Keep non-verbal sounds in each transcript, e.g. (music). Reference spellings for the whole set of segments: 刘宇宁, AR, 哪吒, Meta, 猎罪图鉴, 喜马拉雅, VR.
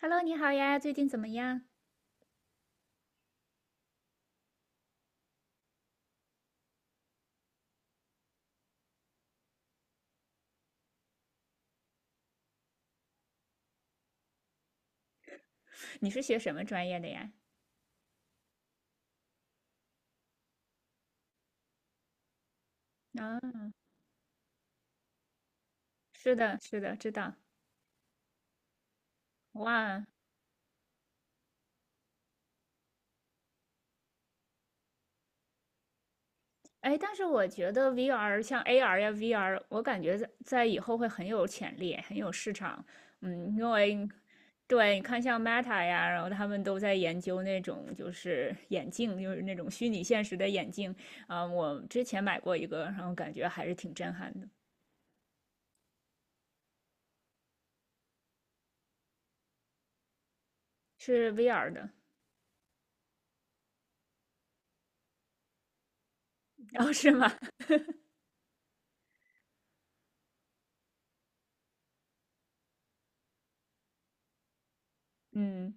Hello，你好呀，最近怎么样？你是学什么专业的呀？啊，是的，是的，知道。哇，哎，但是我觉得 VR 像 AR 呀，VR,我感觉在以后会很有潜力，很有市场。嗯，因为对，你看像 Meta 呀，然后他们都在研究那种就是眼镜，就是那种虚拟现实的眼镜。我之前买过一个，然后感觉还是挺震撼的，是 VR 的。哦，是吗？(laughs) 嗯，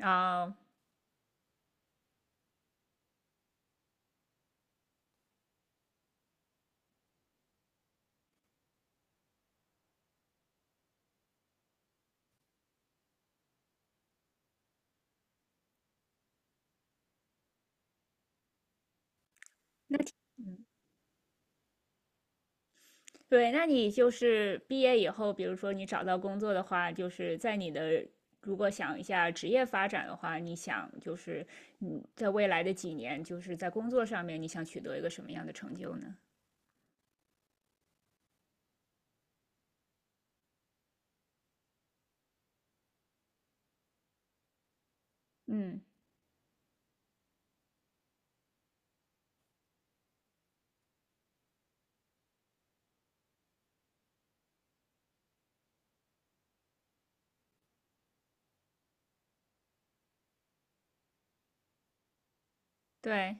啊。嗯对，那你就是毕业以后，比如说你找到工作的话，就是在你的如果想一下职业发展的话，你想就是你在未来的几年，就是在工作上面，你想取得一个什么样的成就呢？嗯，对。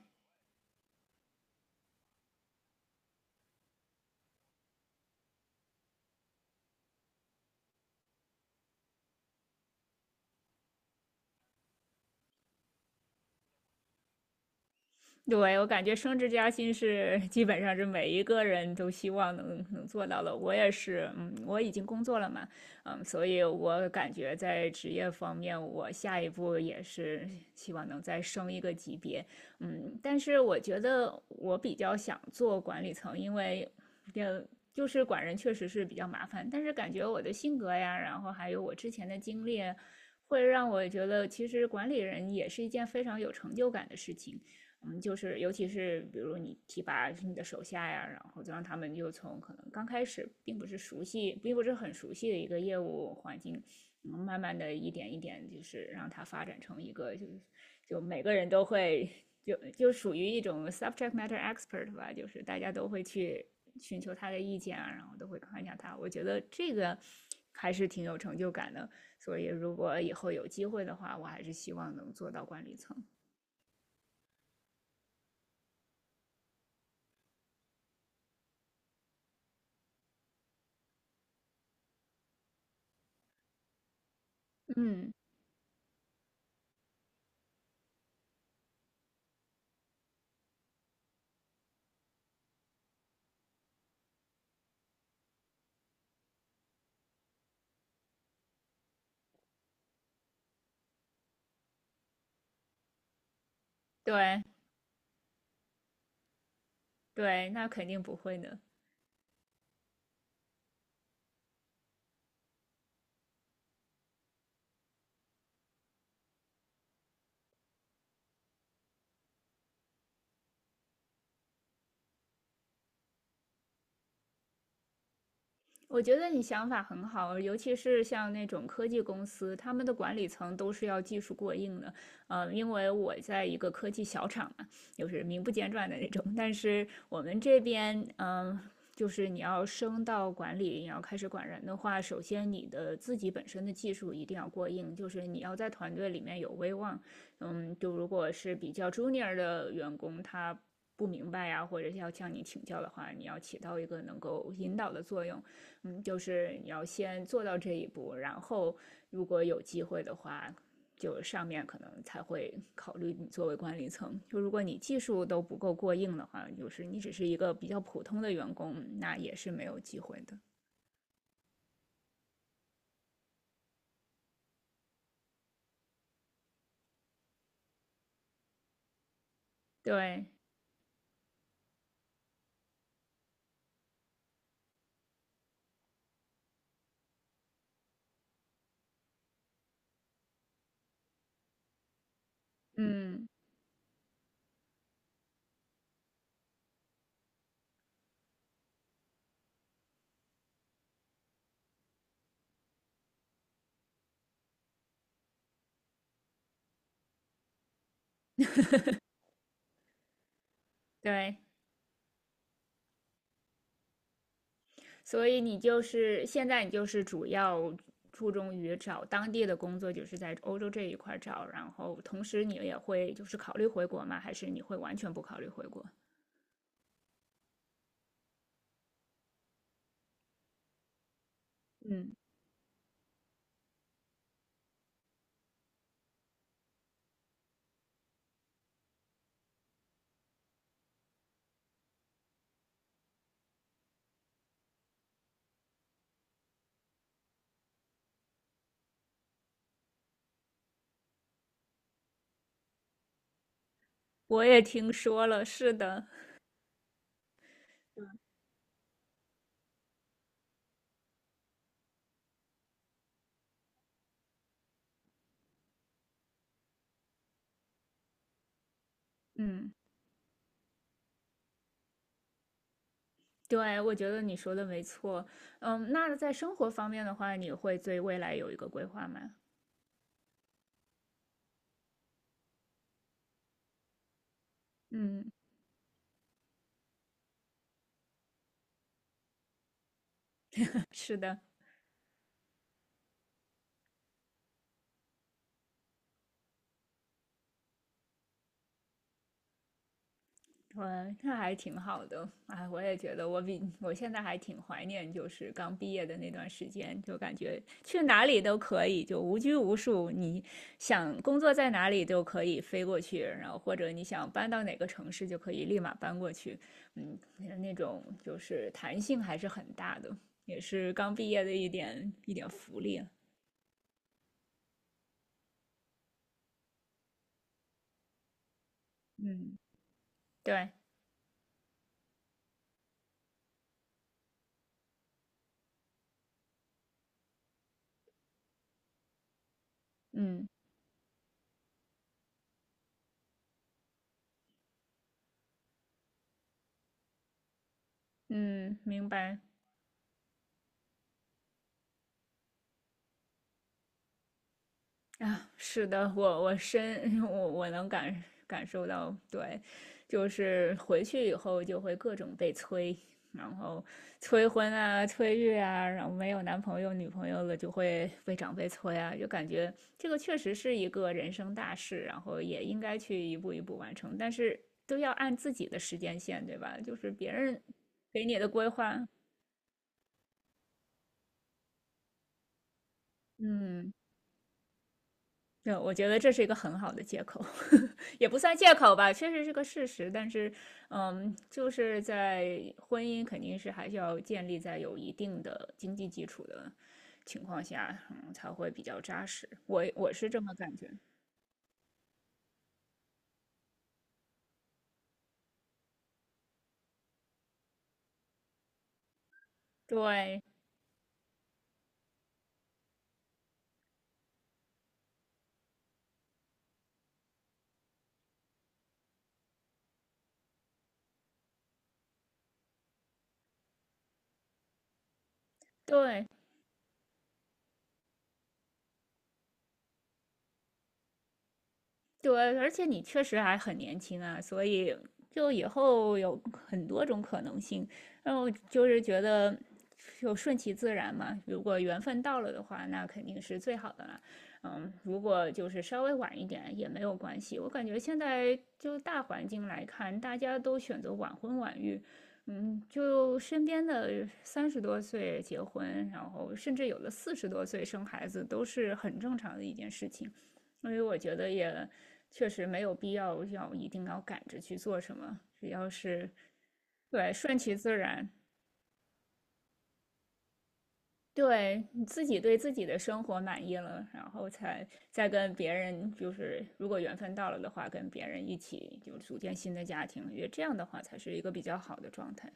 对，我感觉升职加薪是基本上是每一个人都希望能做到的。我也是，嗯，我已经工作了嘛，嗯，所以我感觉在职业方面，我下一步也是希望能再升一个级别，嗯，但是我觉得我比较想做管理层，因为，呃，就是管人确实是比较麻烦，但是感觉我的性格呀，然后还有我之前的经历，会让我觉得其实管理人也是一件非常有成就感的事情。嗯，就是尤其是比如你提拔你的手下呀，然后就让他们就从可能刚开始并不是熟悉，并不是很熟悉的一个业务环境，嗯，慢慢的一点一点，就是让它发展成一个就是就每个人都会就属于一种 subject matter expert 吧，就是大家都会去寻求他的意见啊，然后都会看一下他，我觉得这个还是挺有成就感的。所以如果以后有机会的话，我还是希望能做到管理层。嗯，对。对，那肯定不会呢。我觉得你想法很好，尤其是像那种科技公司，他们的管理层都是要技术过硬的。呃，因为我在一个科技小厂嘛，就是名不见传的那种。但是我们这边，就是你要升到管理，你要开始管人的话，首先你的自己本身的技术一定要过硬，就是你要在团队里面有威望。嗯，就如果是比较 junior 的员工，他不明白呀,或者是要向你请教的话，你要起到一个能够引导的作用。嗯，就是你要先做到这一步，然后如果有机会的话，就上面可能才会考虑你作为管理层。就如果你技术都不够过硬的话，就是你只是一个比较普通的员工，那也是没有机会的。对，嗯，对，所以你就是现在你就是主要注重于找当地的工作，就是在欧洲这一块找，然后同时你也会就是考虑回国吗？还是你会完全不考虑回国？嗯。我也听说了，是的，嗯，对，我觉得你说的没错。嗯，那在生活方面的话，你会对未来有一个规划吗？嗯，(laughs) 是的，对，那还挺好的。哎，我也觉得我现在还挺怀念，就是刚毕业的那段时间，就感觉去哪里都可以，就无拘无束。你想工作在哪里都可以飞过去，然后或者你想搬到哪个城市就可以立马搬过去。嗯，那种就是弹性还是很大的，也是刚毕业的一点一点福利。嗯，对，嗯嗯，明白。啊，是的，我我深 (laughs) 我能感受到，对，就是回去以后就会各种被催，然后催婚啊、催育啊，然后没有男朋友、女朋友了就会被长辈催啊，就感觉这个确实是一个人生大事，然后也应该去一步一步完成，但是都要按自己的时间线，对吧？就是别人给你的规划，嗯。对，我觉得这是一个很好的借口，(laughs) 也不算借口吧，确实是个事实。但是，嗯，就是在婚姻肯定是还是要建立在有一定的经济基础的情况下，嗯，才会比较扎实。我是这么感觉。对对，对，而且你确实还很年轻啊，所以就以后有很多种可能性。然后就是觉得就顺其自然嘛，如果缘分到了的话，那肯定是最好的了。嗯，如果就是稍微晚一点也没有关系。我感觉现在就大环境来看，大家都选择晚婚晚育。嗯，就身边的三十多岁结婚，然后甚至有的四十多岁生孩子，都是很正常的一件事情。所以我觉得也确实没有必要要一定要赶着去做什么，只要是对顺其自然，对你自己对自己的生活满意了，然后才再跟别人，就是如果缘分到了的话，跟别人一起就组建新的家庭，因为这样的话才是一个比较好的状态。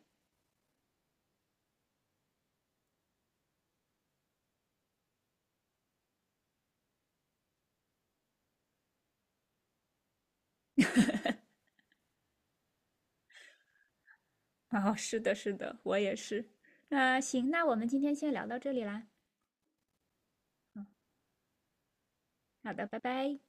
哦，是的，是的，我也是。那行，那我们今天先聊到这里啦。好的，拜拜。